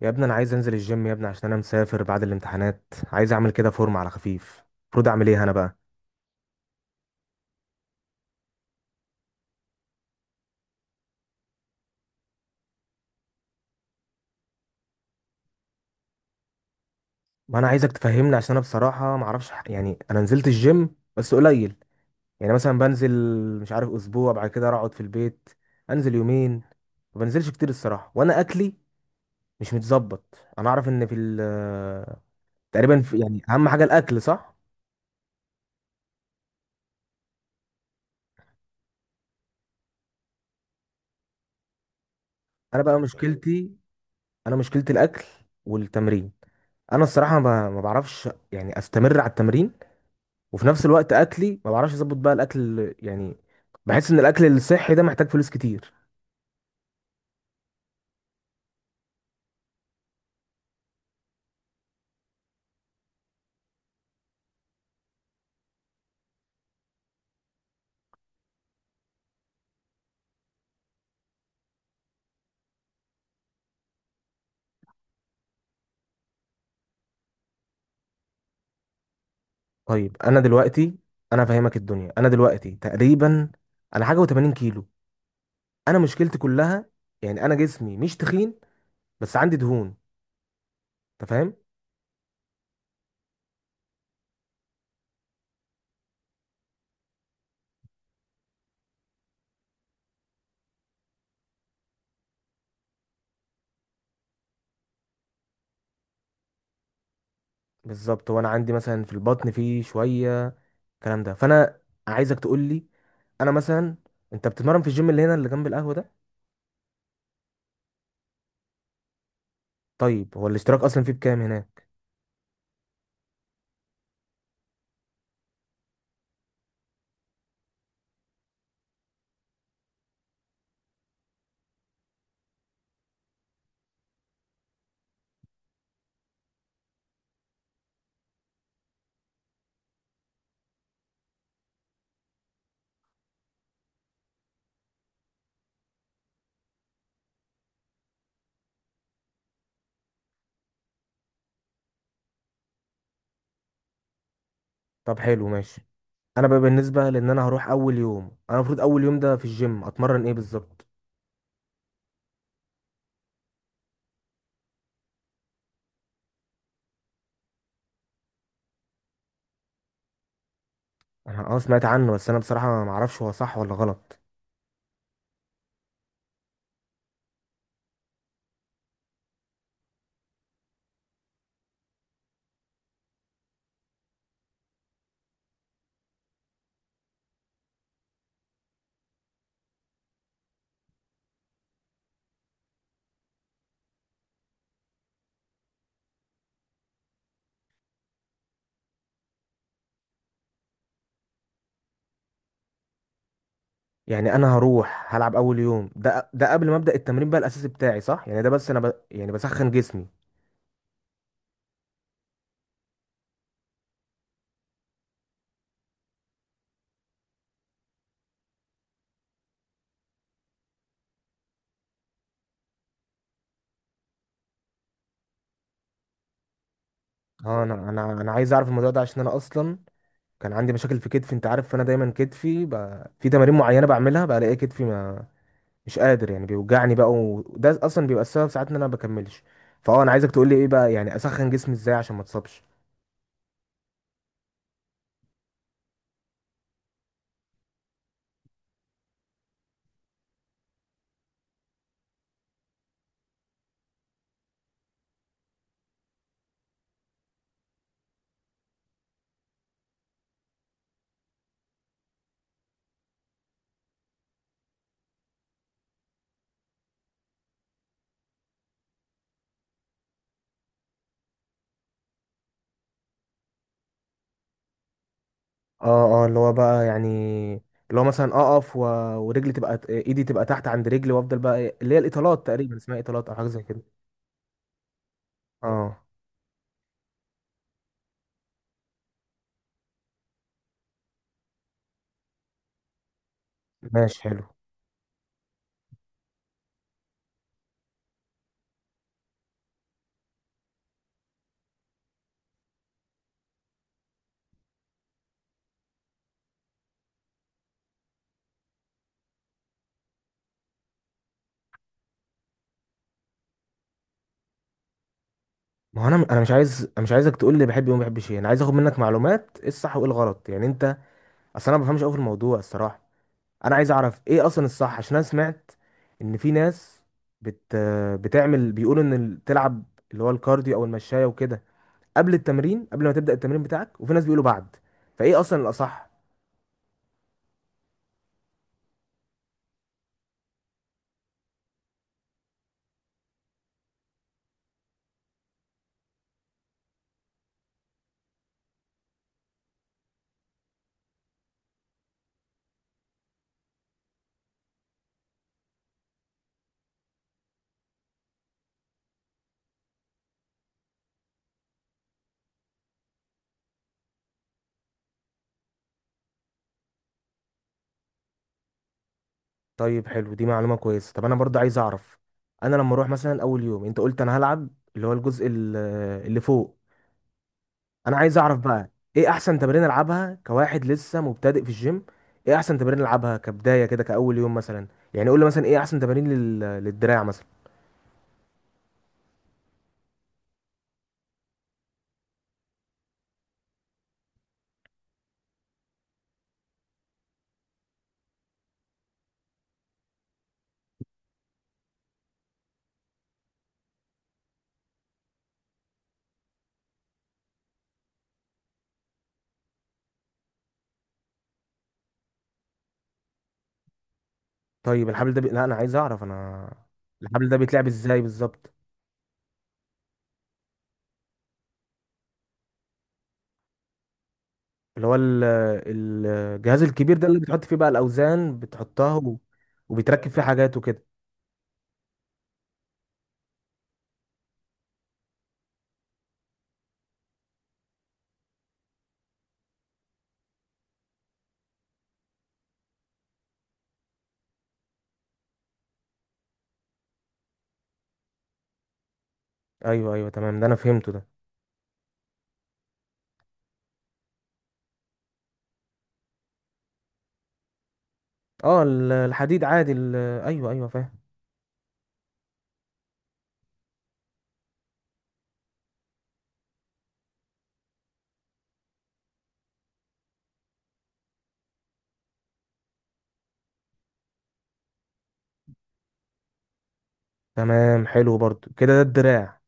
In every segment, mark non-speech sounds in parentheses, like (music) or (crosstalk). يا ابني، انا عايز انزل الجيم يا ابني عشان انا مسافر بعد الامتحانات. عايز اعمل كده فورم على خفيف. المفروض اعمل ايه انا بقى؟ ما انا عايزك تفهمني عشان انا بصراحه ما اعرفش يعني انا نزلت الجيم بس قليل. يعني مثلا بنزل، مش عارف، اسبوع بعد كده اقعد في البيت، انزل يومين. ما بنزلش كتير الصراحه، وانا اكلي مش متظبط. انا اعرف ان في (laughs) تقريبا في يعني اهم حاجه الاكل، صح. انا بقى مشكلتي انا مشكلتي الاكل والتمرين. انا الصراحه ما بعرفش يعني استمر على التمرين، وفي نفس الوقت اكلي ما بعرفش اظبط بقى الاكل يعني. بحس ان الاكل الصحي ده محتاج فلوس كتير. طيب انا دلوقتي، انا فاهمك الدنيا. انا دلوقتي تقريبا انا حاجه و80 كيلو. انا مشكلتي كلها يعني انا جسمي مش تخين، بس عندي دهون، انت فاهم. بالظبط، وانا عندي مثلا في البطن فيه شويه الكلام ده. فانا عايزك تقول لي، انا مثلا، انت بتتمرن في الجيم اللي هنا اللي جنب القهوه ده؟ طيب هو الاشتراك اصلا فيه بكام هناك؟ طب حلو ماشي. انا بقى بالنسبه لان انا هروح اول يوم، انا المفروض اول يوم ده في الجيم اتمرن ايه بالظبط؟ انا سمعت عنه، بس انا بصراحه ما اعرفش هو صح ولا غلط. يعني انا هروح هلعب اول يوم ده قبل ما ابدا التمرين بقى الاساسي بتاعي، صح؟ يعني ده بس انا يعني بسخن جسمي. اه انا عايز اعرف الموضوع ده عشان انا اصلا كان عندي مشاكل في كتفي، انت عارف. فانا دايما كتفي في تمارين معينه بعملها بلاقي كتفي ما مش قادر، يعني بيوجعني بقى. وده اصلا بيبقى السبب ساعات ان انا ما بكملش. انا عايزك تقول لي ايه بقى، يعني اسخن جسمي ازاي عشان ما اتصابش. اه، اه، اللي هو بقى يعني، اللي هو مثلا اقف ورجلي تبقى ايدي تبقى تحت عند رجلي وافضل بقى اللي هي الاطالات، تقريبا اسمها اطالات او حاجه زي كده. اه، ماشي حلو. ما هو انا مش عايز، انا مش عايزك تقول لي بحب ايه وما بحبش ايه. انا عايز اخد منك معلومات ايه الصح وايه الغلط يعني انت. اصل انا ما بفهمش قوي في الموضوع الصراحه. انا عايز اعرف ايه اصلا الصح، عشان انا سمعت ان في ناس بت... بتعمل، بيقولوا ان تلعب اللي هو الكارديو او المشايه وكده قبل التمرين، قبل ما تبدا التمرين بتاعك، وفي ناس بيقولوا بعد. فايه اصلا الاصح؟ طيب حلو، دي معلومة كويسة. طب أنا برضه عايز أعرف. أنا لما أروح مثلا أول يوم، أنت قلت أنا هلعب اللي هو الجزء اللي فوق. أنا عايز أعرف بقى إيه أحسن تمرين ألعبها كواحد لسه مبتدئ في الجيم. إيه أحسن تمرين ألعبها كبداية كده كأول يوم مثلا؟ يعني قول لي مثلا إيه أحسن تمارين للدراع مثلا. طيب الحبل ده لا، أنا عايز أعرف أنا، الحبل ده بيتلعب إزاي بالظبط؟ اللي هو الجهاز الكبير ده اللي بتحط فيه بقى الأوزان بتحطها وبيتركب فيه حاجات وكده. أيوه، أيوه، تمام، ده أنا فهمته ده. اه، الحديد عادي ايوه، ايوه، فاهم. تمام، حلو برضو كده، ده الدراع.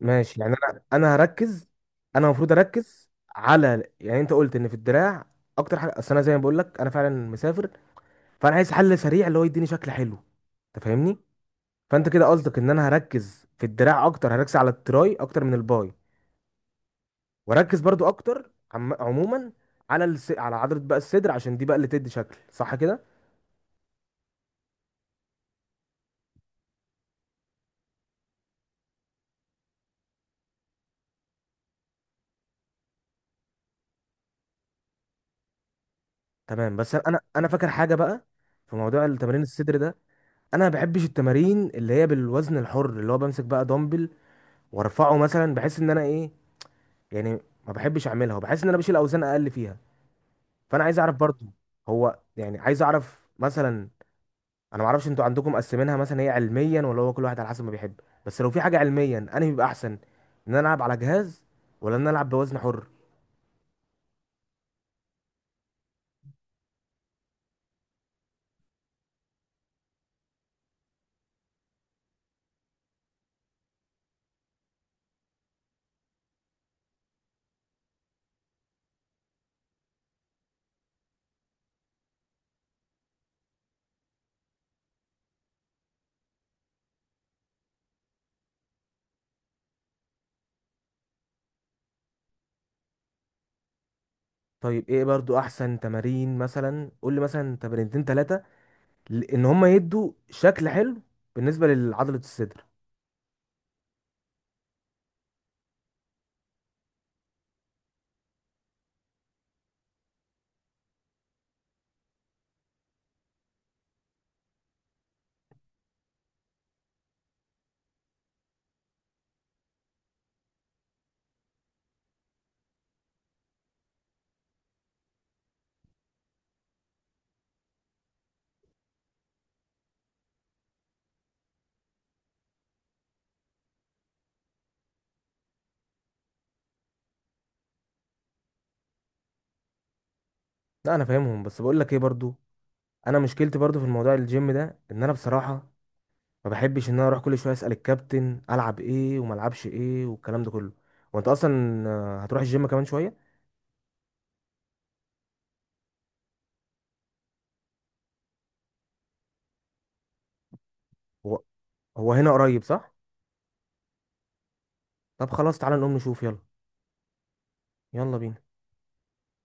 ماشي، يعني انا هركز. انا المفروض اركز على، يعني انت قلت ان في الدراع اكتر حاجه. اصل انا زي ما بقول لك انا فعلا مسافر، فانا عايز حل سريع اللي هو يديني شكل حلو، انت فاهمني. فانت كده قصدك ان انا هركز في الدراع اكتر، هركز على التراي اكتر من الباي. واركز برضو اكتر عموما على على عضله بقى الصدر، عشان دي بقى اللي تدي شكل صح كده. تمام، بس انا فاكر حاجه بقى في موضوع التمرين الصدر ده. انا ما بحبش التمارين اللي هي بالوزن الحر، اللي هو بمسك بقى دمبل وارفعه مثلا. بحس ان انا ايه يعني، ما بحبش اعملها وبحس ان انا بشيل اوزان اقل فيها. فانا عايز اعرف برضو. هو يعني، عايز اعرف مثلا، انا ما اعرفش انتوا عندكم مقسمينها مثلا هي علميا ولا هو كل واحد على حسب ما بيحب. بس لو في حاجه علميا انا بيبقى احسن ان انا العب على جهاز ولا ان انا العب بوزن حر. طيب ايه برضو احسن تمارين؟ مثلا قول لي مثلا تمرينتين ثلاثه ان هم يدوا شكل حلو بالنسبه لعضله الصدر. لا، انا فاهمهم، بس بقول لك ايه برضو، انا مشكلتي برضو في الموضوع الجيم ده ان انا بصراحه ما بحبش ان انا اروح كل شويه اسال الكابتن العب ايه وما العبش ايه والكلام ده كله. وانت اصلا هتروح الجيم كمان شويه. هو هو هنا قريب صح؟ طب خلاص تعالى نقوم نشوف يلا. يلا بينا.